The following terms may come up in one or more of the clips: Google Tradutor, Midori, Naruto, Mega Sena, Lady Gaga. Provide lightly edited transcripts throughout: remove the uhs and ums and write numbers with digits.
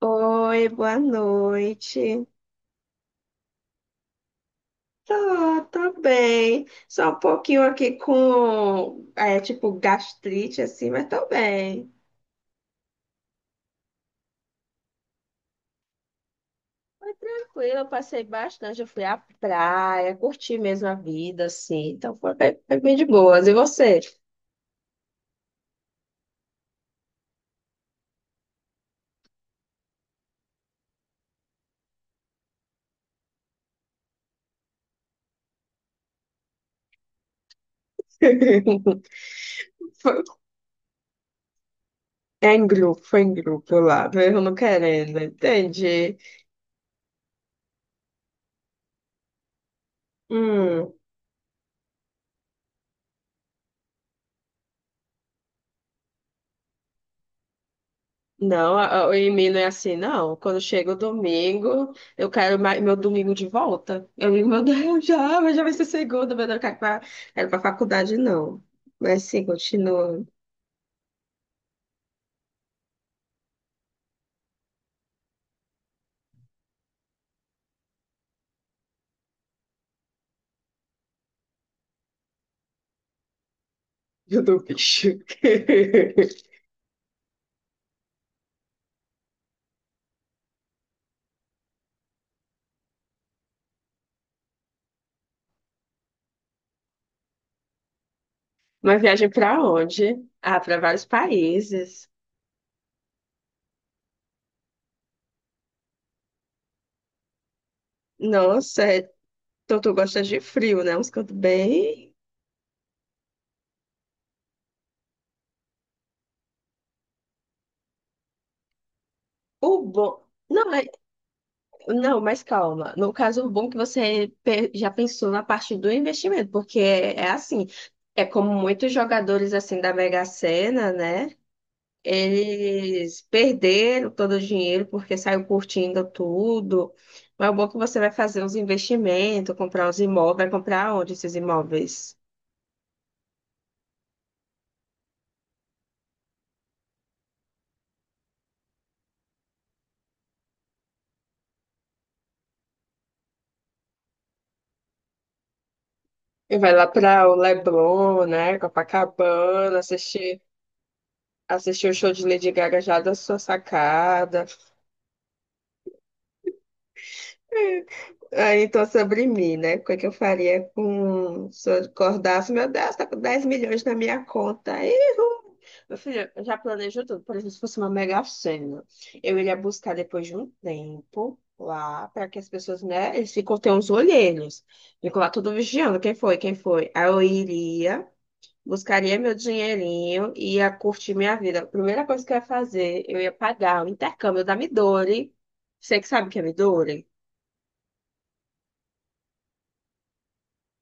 Oi, boa noite. Tô bem. Só um pouquinho aqui com, tipo, gastrite, assim, mas tô bem. Foi tranquilo, eu passei bastante. Eu fui à praia, curti mesmo a vida, assim. Então foi bem de boas. E você? Foi- foi em grupo lá, mesmo não querendo, entende? Hum. Não, o e-mail não é assim, não. Quando chega o domingo, eu quero meu domingo de volta. Eu digo, meu Deus, já, mas já vai ser segunda, meu Deus, eu quero para faculdade, não. Mas sim, continua. Eu dou bicho. Uma viagem para onde? Ah, para vários países. Nossa, então tu gosta de frio, né? Uns cantos bem. O bom. Não, Não, mas calma. No caso, o bom que você já pensou na parte do investimento, porque é assim, é como muitos jogadores assim da Mega Sena, né? Eles perderam todo o dinheiro porque saiu curtindo tudo. Mas o bom que você vai fazer uns investimentos, comprar uns imóveis, vai comprar onde esses imóveis? E vai lá para o Leblon, né? Copacabana, assistir o show de Lady Gaga já da sua sacada. Ah, então, sobre mim, né? O que é que eu faria com... se eu acordasse? Meu Deus, tá com 10 milhões na minha conta. Ih, ru. Meu filho, eu já planejo tudo. Por exemplo, se fosse uma mega sena, eu iria buscar depois de um tempo lá, para que as pessoas, né? Eles ficam, tem uns olheiros. Ficam lá tudo vigiando. Quem foi? Quem foi? Aí eu iria, buscaria meu dinheirinho e ia curtir minha vida. A primeira coisa que eu ia fazer, eu ia pagar o intercâmbio da Midori. Você que sabe o que é Midori?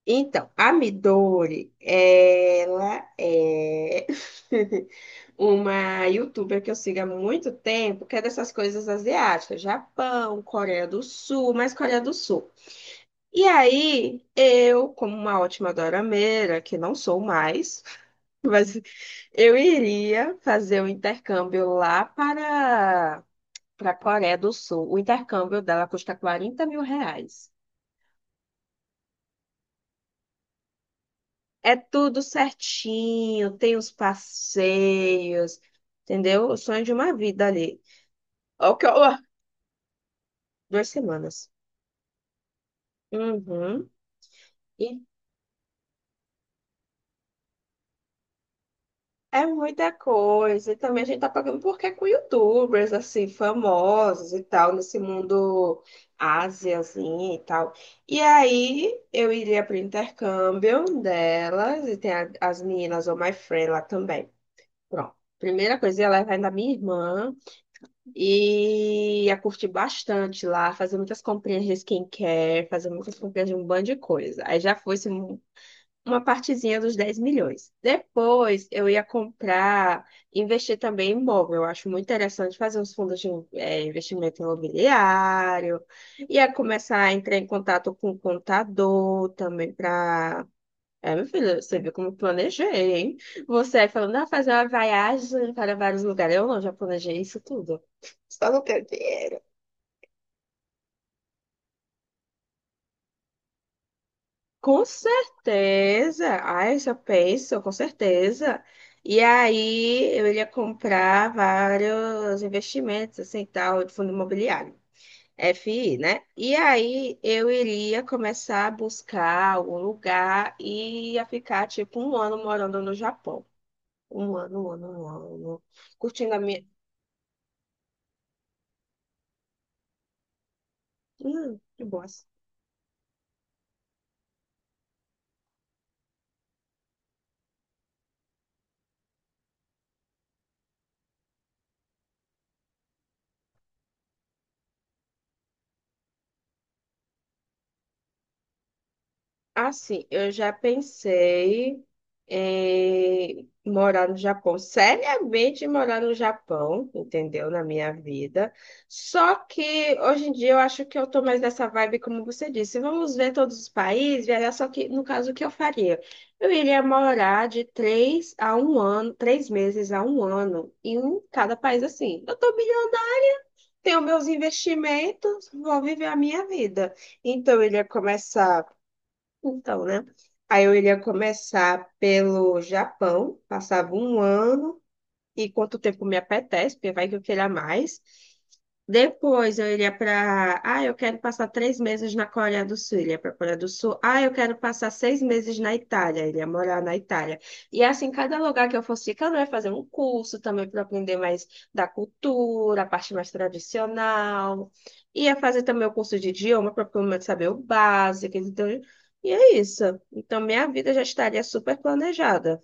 Então, a Midori, ela é uma youtuber que eu sigo há muito tempo, que é dessas coisas asiáticas, Japão, Coreia do Sul, mais Coreia do Sul. E aí, eu, como uma ótima dorameira, que não sou mais, mas eu iria fazer o intercâmbio lá para a Coreia do Sul. O intercâmbio dela custa R$ 40.000. É tudo certinho, tem os passeios, entendeu? O sonho de uma vida ali. Ó, que ó, 2 semanas. Uhum. E é muita coisa. E também a gente tá pagando porque é com youtubers, assim, famosos e tal, nesse mundo Ásia, assim, e tal. E aí eu iria pro intercâmbio delas, e tem as meninas, ou my friend lá também. Pronto. Primeira coisa, eu ia levar ainda a minha irmã. E ia curtir bastante lá, fazer muitas comprinhas de skincare, fazer muitas comprinhas de um bando de coisa. Aí já foi assim, uma partezinha dos 10 milhões. Depois eu ia comprar, investir também em imóvel. Eu acho muito interessante fazer uns fundos de investimento imobiliário. Ia começar a entrar em contato com o contador também para meu filho, você viu como eu planejei, hein? Você aí falando, ah, fazer uma viagem para vários lugares. Eu não, já planejei isso tudo. Só não tenho dinheiro. Com certeza. Ai, já penso, com certeza. E aí eu iria comprar vários investimentos, assim, tal, de fundo imobiliário. FI, né? E aí eu iria começar a buscar algum lugar e ia ficar tipo um ano morando no Japão. Um ano, um ano, um ano. Curtindo a minha. Que boas. Assim, eu já pensei em morar no Japão, seriamente morar no Japão, entendeu? Na minha vida. Só que hoje em dia eu acho que eu tô mais nessa vibe, como você disse. Vamos ver todos os países, viajar, só que no caso o que eu faria? Eu iria morar de três a um ano, três meses a um ano em cada país assim. Eu tô bilionária, tenho meus investimentos, vou viver a minha vida. Então, ele ia começar. Então, né? Aí eu iria começar pelo Japão, passava um ano e quanto tempo me apetece, porque vai que eu queira mais. Depois eu iria para. Ah, eu quero passar 3 meses na Coreia do Sul, iria para a Coreia do Sul. Ah, eu quero passar 6 meses na Itália, iria morar na Itália. E assim, cada lugar que eu fosse ficando, eu ia fazer um curso também para aprender mais da cultura, a parte mais tradicional. Ia fazer também o curso de idioma para pelo menos saber o básico. Então, e é isso. Então, minha vida já estaria super planejada.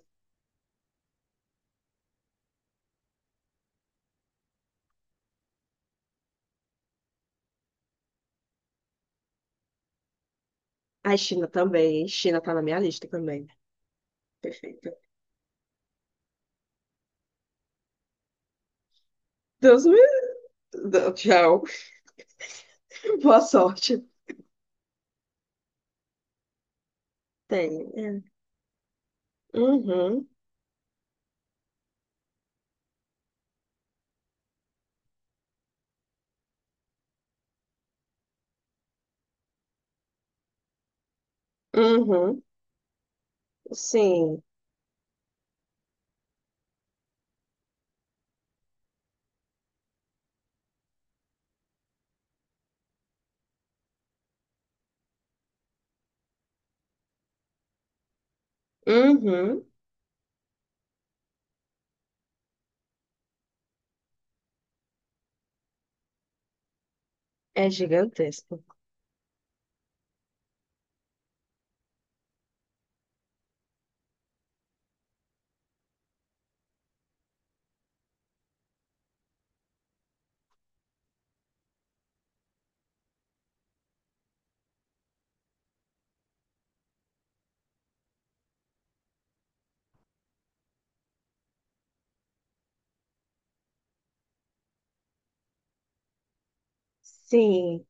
A China também. China está na minha lista também. Perfeito. Deus me. Não, tchau. Boa sorte. Tem. É. Uhum. Uhum. Sim. Uhum. É gigantesco. Sim.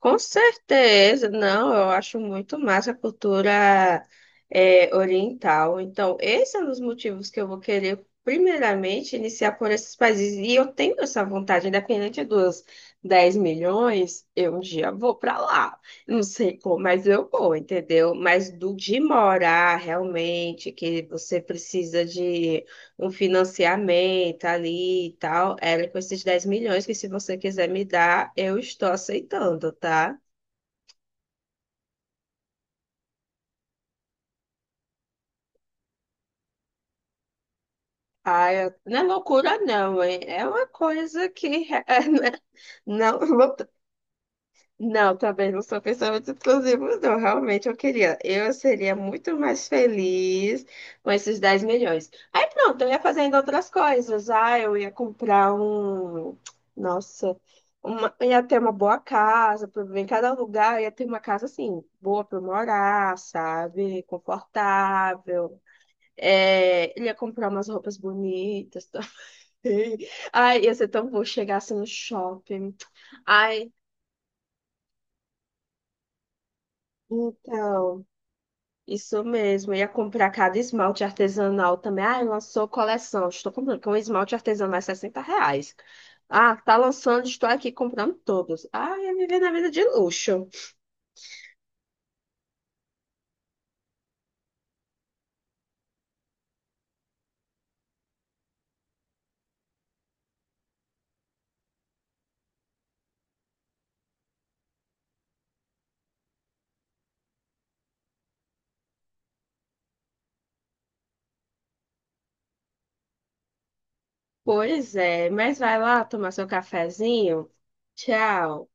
Com certeza, não, eu acho muito massa a cultura oriental. Então, esse é um dos motivos que eu vou querer, primeiramente, iniciar por esses países. E eu tenho essa vontade, independente dos 10 milhões, eu um dia vou para lá. Não sei como, mas eu vou, entendeu? Mas do de morar, realmente, que você precisa de um financiamento ali e tal, era com esses 10 milhões que se você quiser me dar, eu estou aceitando, tá? Ah, não é loucura não, hein? É uma coisa que não, Não, também não sou pensamento exclusivo, não. Realmente eu queria. Eu seria muito mais feliz com esses 10 milhões. Aí pronto, eu ia fazendo outras coisas. Ah, eu ia comprar Nossa, eu ia ter uma boa casa. Em cada lugar eu ia ter uma casa assim, boa para morar, sabe? Confortável. É, ele ia comprar umas roupas bonitas também. Ai, ia ser tão bom chegar assim no shopping. Ai, então. Isso mesmo, eu ia comprar cada esmalte artesanal também. Ah, lançou coleção. Estou comprando, porque um esmalte artesanal é R$ 60. Ah, tá lançando, estou aqui comprando todos. Ah, ia viver na vida de luxo. Pois é, mas vai lá tomar seu cafezinho. Tchau.